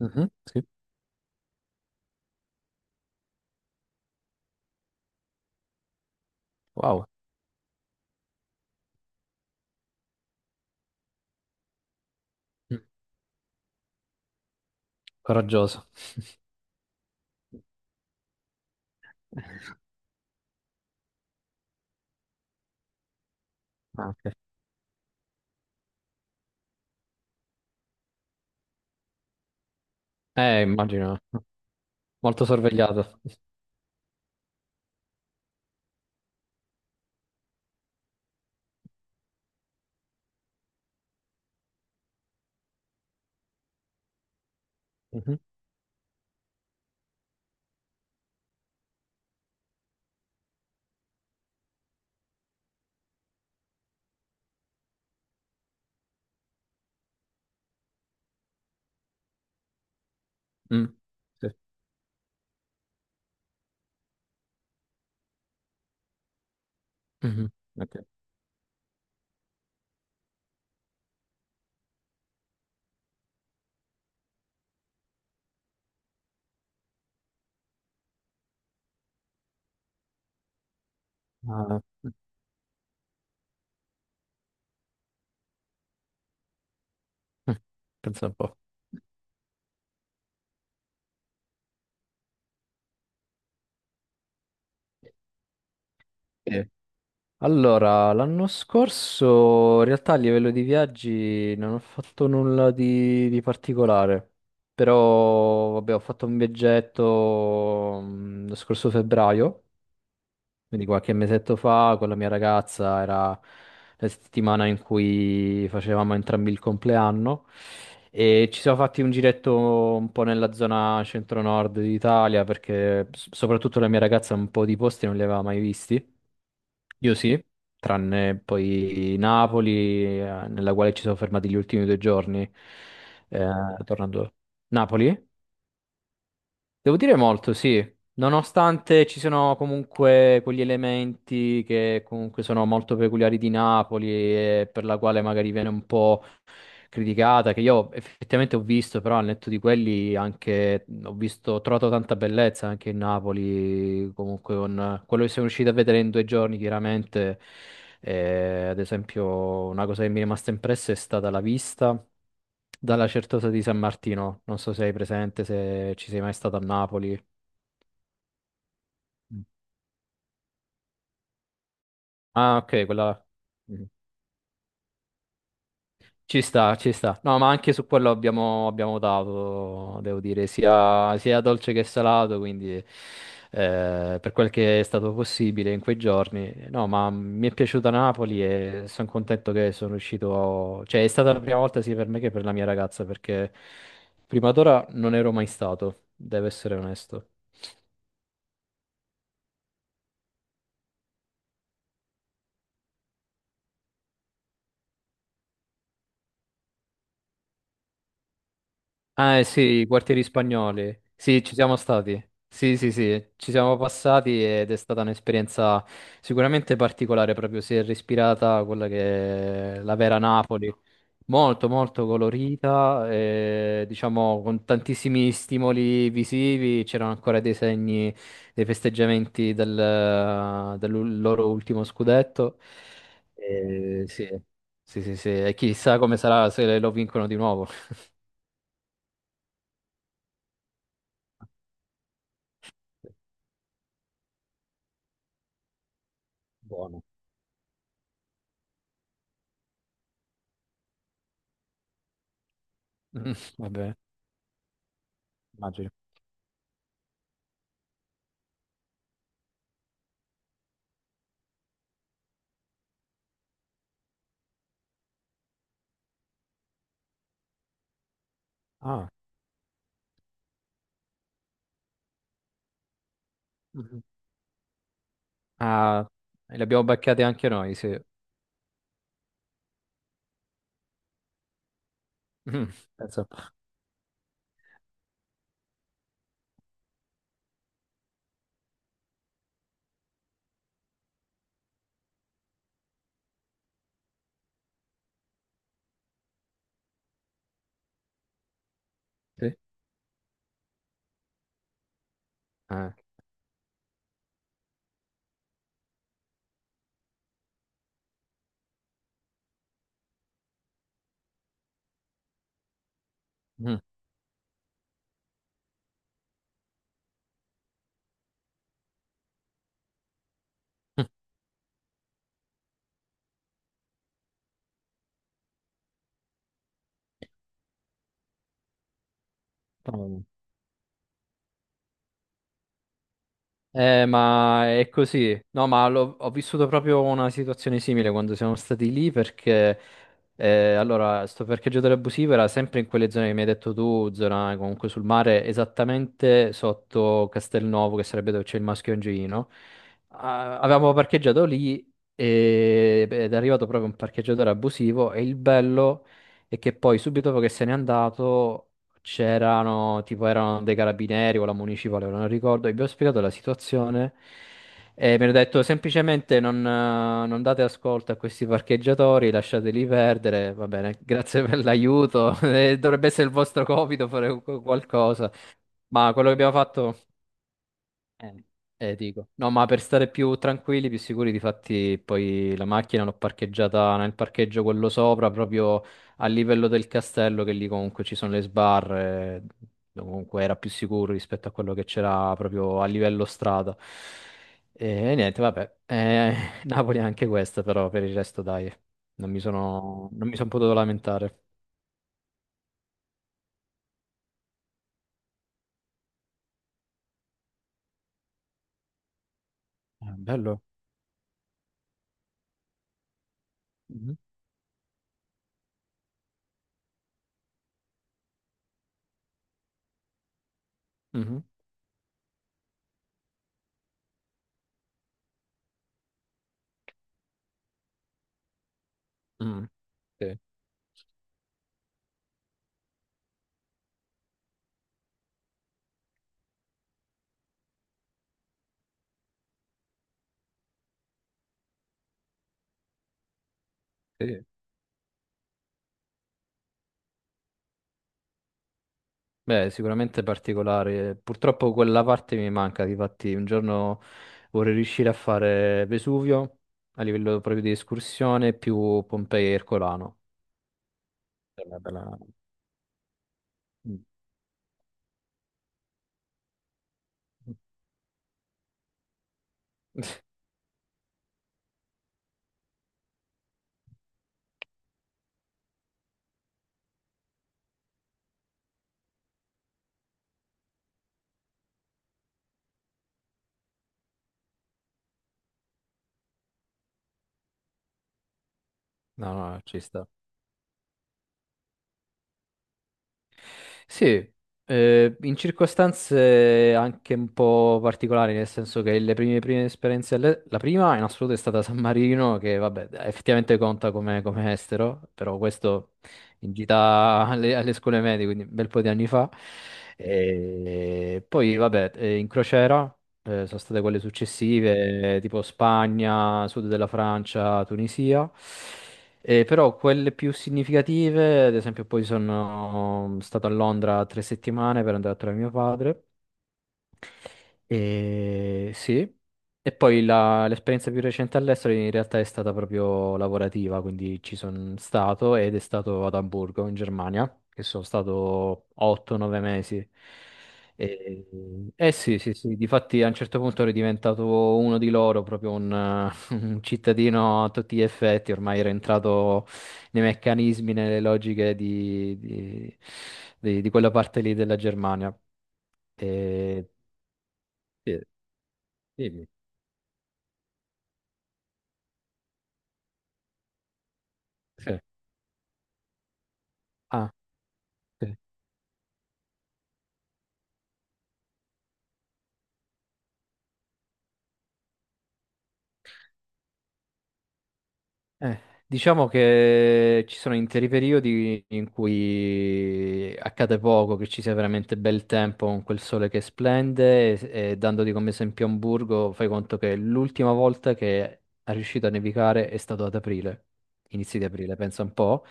Mhm. Sì. Wow. Mm. Coraggioso. Ah, ok. Immagino, molto sorvegliato. Mhm. Mm. Sì. Mhm. Ok. Ah. Mm. Pensa un po'. eh, Allora, l'anno scorso in realtà a livello di viaggi non ho fatto nulla di particolare, però vabbè, ho fatto un viaggetto lo scorso febbraio. Quindi qualche mesetto fa con la mia ragazza, era la settimana in cui facevamo entrambi il compleanno e ci siamo fatti un giretto un po' nella zona centro-nord d'Italia perché soprattutto la mia ragazza un po' di posti non li aveva mai visti. Io sì, tranne poi Napoli, nella quale ci siamo fermati gli ultimi 2 giorni, eh, tornando. Napoli? Devo dire molto, sì. Nonostante ci sono comunque quegli elementi che comunque sono molto peculiari di Napoli e per la quale magari viene un po' criticata, che io effettivamente ho visto, però al netto di quelli anche ho visto, ho trovato tanta bellezza anche in Napoli, comunque con quello che siamo riusciti a vedere in 2 giorni, chiaramente. Ad esempio una cosa che mi è rimasta impressa è stata la vista dalla Certosa di San Martino, non so se hai presente, se ci sei mai stato a Napoli. Mm. Ah, ok, quella... Ci sta, ci sta. No, ma anche su quello abbiamo votato, devo dire, sia dolce che salato, quindi per quel che è stato possibile in quei giorni. No, ma mi è piaciuta Napoli e sono contento che sono riuscito... Cioè, è stata la prima volta sia per me che per la mia ragazza, perché prima d'ora non ero mai stato, devo essere onesto. Ah, eh sì, i quartieri spagnoli. Sì, ci siamo stati. Sì, sì, sì, ci siamo passati ed è stata un'esperienza sicuramente particolare, proprio si è respirata quella che è la vera Napoli. Molto, molto colorita, diciamo con tantissimi stimoli visivi, c'erano ancora dei segni dei festeggiamenti del loro ultimo scudetto. Sì, sì, sì, sì, e chissà come sarà se lo vincono di nuovo. Buono. Mm, vabbè, immagino. Ah. Mhm. Ah, li abbiamo beccati anche noi, sì. Mm, pensa un po', sì. Eh. Mm. Mm. Ma è così. No, ma ho vissuto proprio una situazione simile quando siamo stati lì perché, allora, sto parcheggio dell'abusivo era sempre in quelle zone che mi hai detto tu, zona comunque sul mare, esattamente sotto Castelnuovo, che sarebbe dove c'è il Maschio Angioino. Ah, avevamo parcheggiato lì ed è arrivato proprio un parcheggiatore abusivo e il bello è che poi subito dopo che se n'è andato c'erano, tipo erano dei carabinieri o la municipale, ora non ricordo, e vi ho spiegato la situazione e mi hanno detto semplicemente non, non date ascolto a questi parcheggiatori, lasciateli perdere, va bene, grazie per l'aiuto, dovrebbe essere il vostro compito fare qualcosa, ma quello che abbiamo fatto... Eh, dico. No, ma per stare più tranquilli, più sicuri, difatti poi la macchina l'ho parcheggiata nel parcheggio quello sopra, proprio a livello del castello, che lì comunque ci sono le sbarre, dove comunque era più sicuro rispetto a quello che c'era proprio a livello strada. E niente, vabbè, Napoli è anche questa, però per il resto dai, non mi sono, non mi sono potuto lamentare. Ah, bello. Mhm. Mhm. Mm. Sì, sì. Beh, sicuramente particolare. Purtroppo quella parte mi manca, difatti un giorno vorrei riuscire a fare Vesuvio a livello proprio di escursione più Pompei e Ercolano. È una bella- Mm. No, no, ci sta. Sì, in circostanze anche un po' particolari, nel senso che le prime esperienze, la prima in assoluto è stata San Marino, che vabbè, effettivamente conta come, come estero, però questo in gita alle scuole medie, quindi un bel po' di anni fa. E poi vabbè, in crociera, sono state quelle successive, tipo Spagna, sud della Francia, Tunisia. Però quelle più significative, ad esempio, poi sono stato a Londra 3 settimane per andare a trovare mio padre. E sì, e poi l'esperienza più recente all'estero in realtà è stata proprio lavorativa, quindi ci sono stato ed è stato ad Amburgo in Germania, che sono stato 8-9 mesi. E, eh sì, sì, sì, difatti a un certo punto ero diventato uno di loro, proprio un, un cittadino a tutti gli effetti, ormai ero entrato nei meccanismi, nelle logiche di quella parte lì della Germania. E... Sì, dimmi. Sì. Ah, sì. Eh, diciamo che ci sono interi periodi in cui accade poco, che ci sia veramente bel tempo con quel sole che splende e dandoti come esempio Amburgo, fai conto che l'ultima volta che è riuscito a nevicare è stato ad aprile, inizi di aprile, pensa un po'.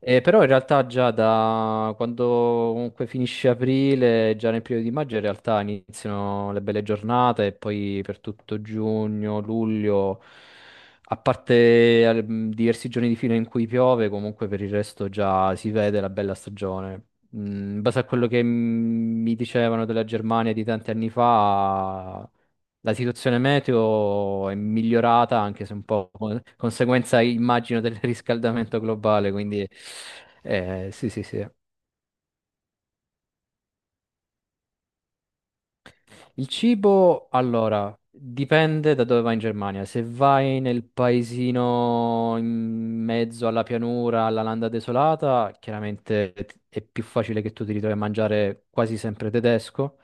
Però in realtà già da quando comunque finisce aprile, già nel periodo di maggio, in realtà iniziano le belle giornate e poi per tutto giugno, luglio. A parte diversi giorni di fila in cui piove, comunque per il resto già si vede la bella stagione. Mm, in base a quello che mi dicevano della Germania di tanti anni fa, la situazione meteo è migliorata, anche se un po' conseguenza, immagino, del riscaldamento globale. Quindi, sì, sì, sì. Il cibo, allora, dipende da dove vai in Germania. Se vai nel paesino in mezzo alla pianura, alla landa desolata, chiaramente è più facile che tu ti ritrovi a mangiare quasi sempre tedesco.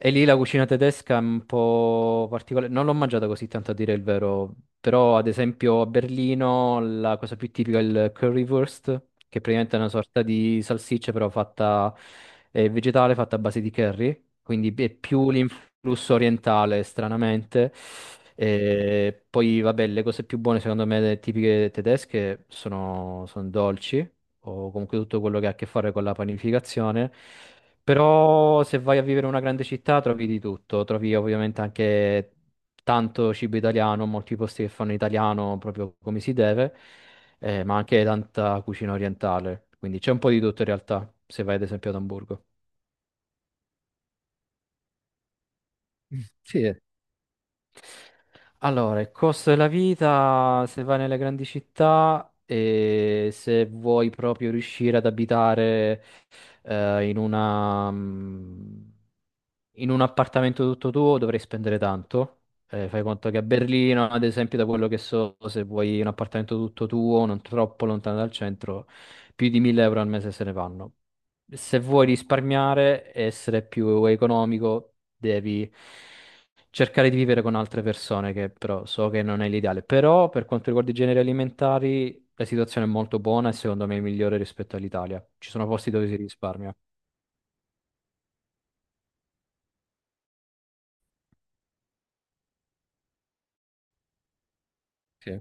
E lì la cucina tedesca è un po' particolare, non l'ho mangiata così tanto a dire il vero, però ad esempio a Berlino la cosa più tipica è il currywurst, che praticamente è una sorta di salsiccia però fatta vegetale, fatta a base di curry, quindi è più l'influsso orientale stranamente. E poi vabbè, le cose più buone secondo me tipiche tedesche sono, sono dolci o comunque tutto quello che ha a che fare con la panificazione. Però se vai a vivere in una grande città trovi di tutto, trovi ovviamente anche tanto cibo italiano, molti posti che fanno italiano proprio come si deve, ma anche tanta cucina orientale, quindi c'è un po' di tutto in realtà, se vai ad esempio ad Amburgo. Sì, allora, il costo della vita, se vai nelle grandi città e se vuoi proprio riuscire ad abitare in una, mm, in un appartamento tutto tuo, dovrei spendere tanto. Fai conto che a Berlino, ad esempio, da quello che so, se vuoi un appartamento tutto tuo, non troppo lontano dal centro, più di 1000 euro al mese se ne vanno. Se vuoi risparmiare e essere più economico, devi cercare di vivere con altre persone, che però so che non è l'ideale. Però per quanto riguarda i generi alimentari, la situazione è molto buona e secondo me è migliore rispetto all'Italia. Ci sono posti dove si risparmia. Sì.